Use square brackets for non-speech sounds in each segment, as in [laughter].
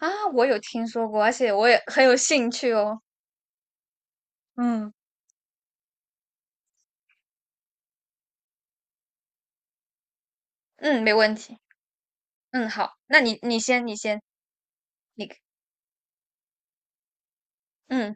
啊，我有听说过，而且我也很有兴趣哦。嗯。嗯，没问题。嗯，好，那你先，你先，你嗯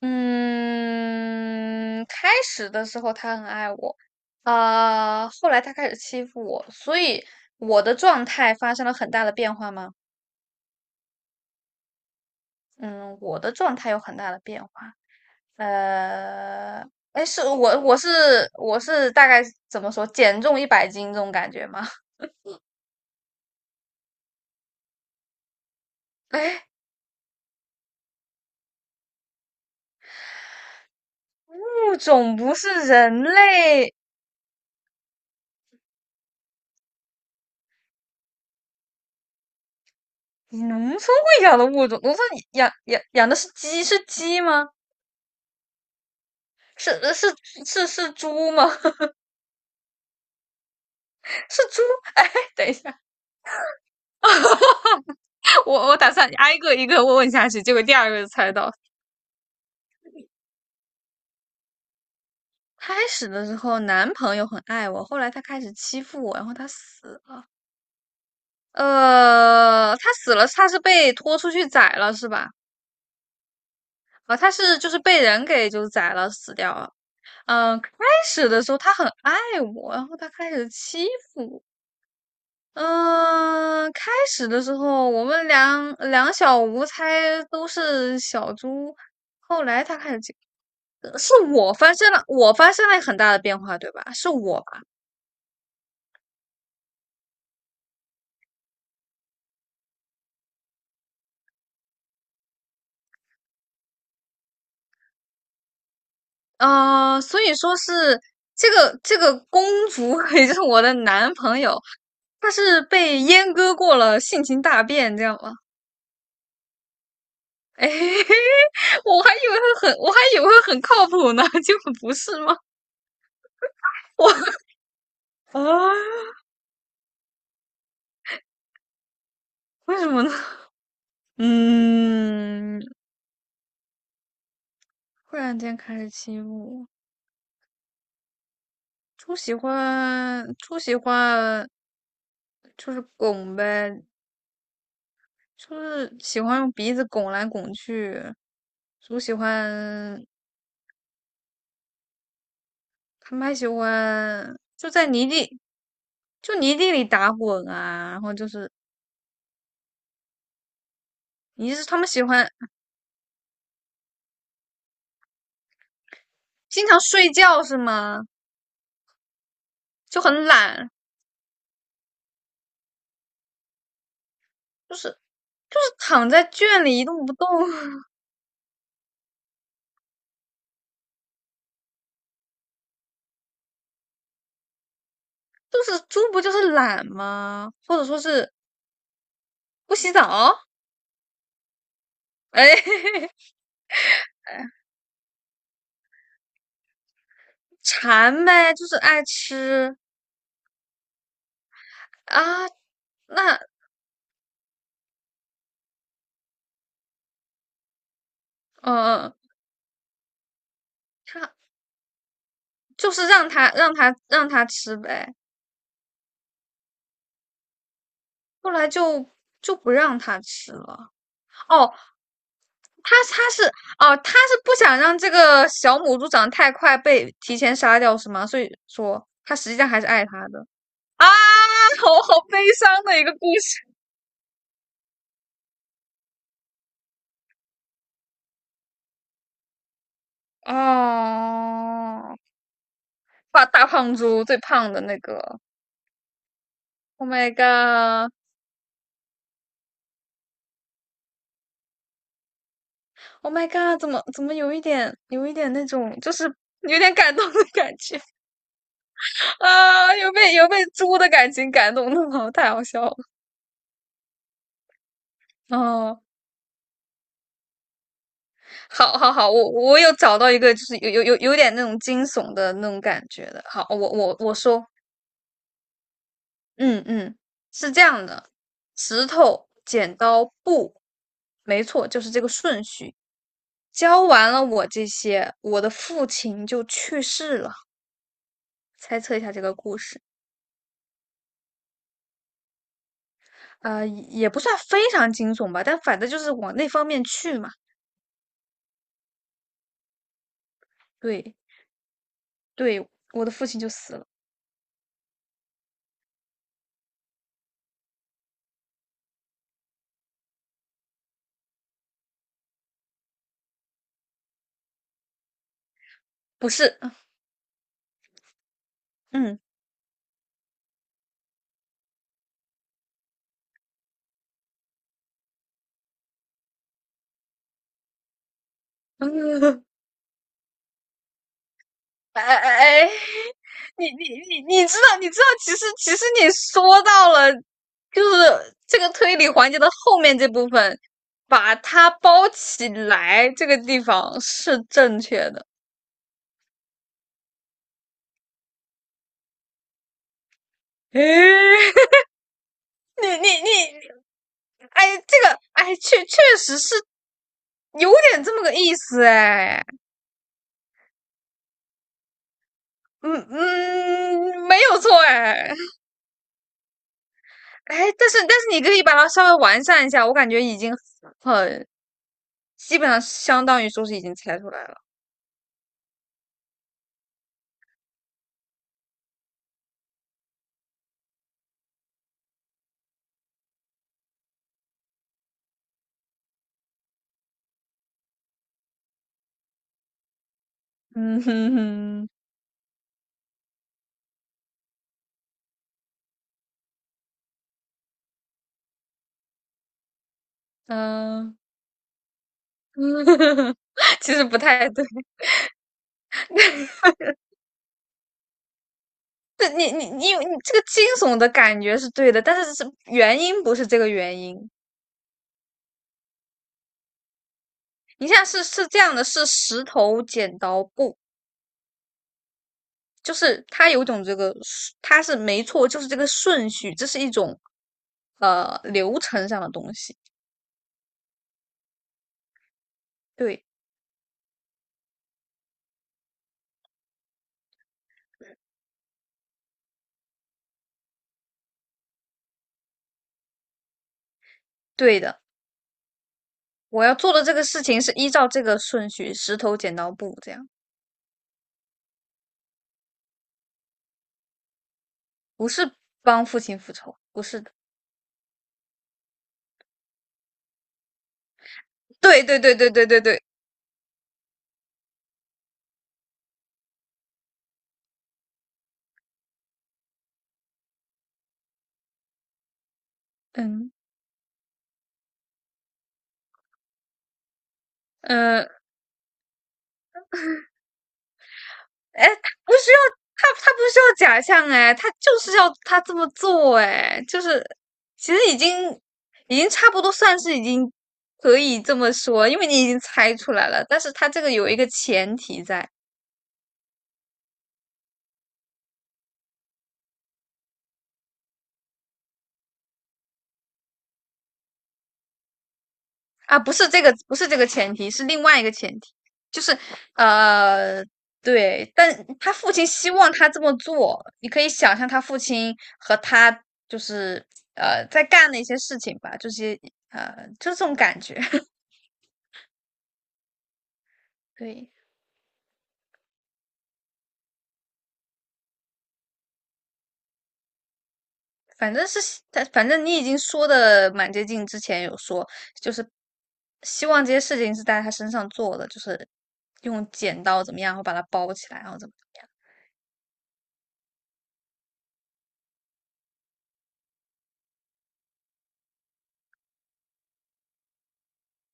嗯，开始的时候他很爱我，后来他开始欺负我，所以我的状态发生了很大的变化吗？嗯，我的状态有很大的变化。呃，哎，我是大概怎么说，减重一百斤这种感觉吗？[laughs] 哎，物种不是人类，你农村会养的物种，农村养的是鸡，是鸡吗？是是是猪吗？[laughs] 是猪？哎，等一下，[laughs] 我打算挨个一个问下去，结果第二个就猜到。开始的时候男朋友很爱我，后来他开始欺负我，然后他死了。他死了，他是被拖出去宰了是吧？啊，他是就是被人给就宰了死掉了。嗯，开始的时候他很爱我，然后他开始欺负我。嗯，开始的时候我们两两小无猜都是小猪，后来他开始是我发生了，我发生了很大的变化，对吧？是我吧？所以说是这个公主，[laughs] 也就是我的男朋友，他是被阉割过了，性情大变，这样吗？哎，[laughs] 我还以为会很靠谱呢，结果不是吗？[laughs] 我啊，为什么呢？嗯，忽然间开始欺负我。猪喜欢就是拱呗，就是喜欢用鼻子拱来拱去。猪喜欢，他们还喜欢就在泥地，就泥地里打滚啊。然后就是，他们喜欢经常睡觉是吗？就很懒，就是就是躺在圈里一动不动。[laughs] 就是猪不就是懒吗？或者说是不洗澡？哎，[laughs] 哎馋呗，就是爱吃啊。那呃，他就是让他吃呗，后来就不让他吃了。哦，他他是哦，他是不想让这个小母猪长太快被提前杀掉是吗？所以说他实际上还是爱他的啊，[laughs] 好好悲伤的一个故事哦。大大胖猪最胖的那个，Oh my god！Oh my god，怎么有一点那种，就是有点感动的感觉。 [laughs] 啊，有被猪的感情感动好，[laughs] 太好笑了。哦，好，好，好，我有找到一个，就是有点那种惊悚的那种感觉的。好，我说，嗯嗯，是这样的，石头、剪刀、布，没错，就是这个顺序。教完了我这些，我的父亲就去世了。猜测一下这个故事。也不算非常惊悚吧，但反正就是往那方面去嘛。对对，我的父亲就死了，不是，嗯，[laughs] 哎哎哎，你知道，其实你说到了，就是这个推理环节的后面这部分，把它包起来，这个地方是正确的。哎，[laughs] 你你你，哎，这个哎，确实是有点这么个意思哎。嗯嗯，没有错哎哎，但是你可以把它稍微完善一下，我感觉已经很基本上相当于说是已经猜出来了。嗯哼哼，嗯，嗯 [laughs]，其实不太对。这你你你有你这个惊悚的感觉是对的，但是原因不是这个原因。你现在是这样的，是石头剪刀布，就是它有一种这个顺，它是没错，就是这个顺序，这是一种流程上的东西。对，对的，我要做的这个事情是依照这个顺序，石头剪刀布这样，不是帮父亲复仇，不是的。对对对对对对对，嗯嗯，哎、他不需要他不需要假象哎，他就是要他这么做哎，就是其实已经差不多算是已经可以这么说，因为你已经猜出来了，但是他这个有一个前提在。啊，不是这个，不是这个前提，是另外一个前提，就是呃，对，但他父亲希望他这么做，你可以想象他父亲和他就是在干的一些事情吧，呃就是这种感觉，[laughs] 对，反正是反正你已经说的蛮接近，之前有说就是希望这些事情是在他身上做的，就是用剪刀怎么样，然后把它包起来，然后怎么。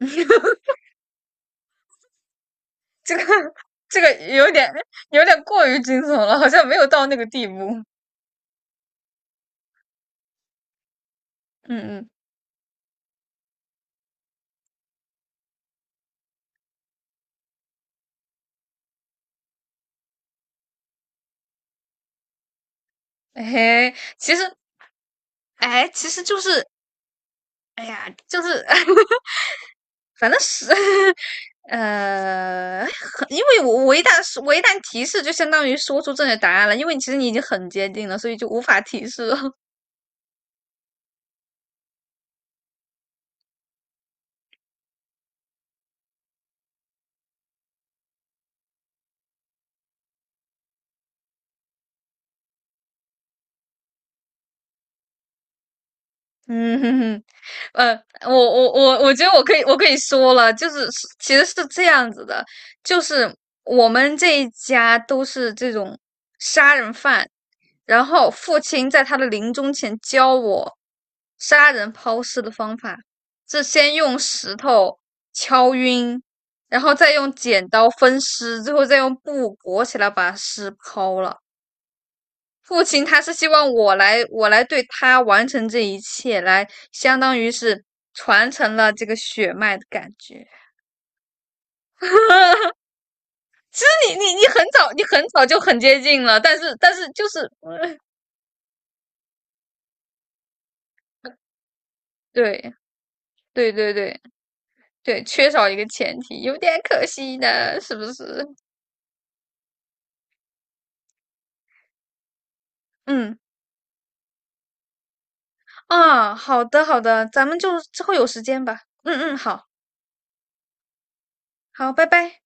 [laughs] 这个 [laughs] 这个有点过于惊悚了，好像没有到那个地步。嗯嗯，哎，其实哎，其实就是哎呀，就是 [laughs] 反正是 [laughs] 因为我一旦提示，就相当于说出正确答案了，因为其实你已经很接近了，所以就无法提示了。嗯哼哼，呃，我觉得我可以说了，就是其实是这样子的，就是我们这一家都是这种杀人犯，然后父亲在他的临终前教我杀人抛尸的方法，是先用石头敲晕，然后再用剪刀分尸，最后再用布裹起来把尸抛了。父亲他是希望我来，对他完成这一切，来相当于是传承了这个血脉的感觉。[laughs] 就是你很早就很接近了，但是就是，嗯对对对对对，缺少一个前提，有点可惜的，是不是？嗯啊，好的好的，咱们就之后有时间吧。嗯嗯，好好，拜拜。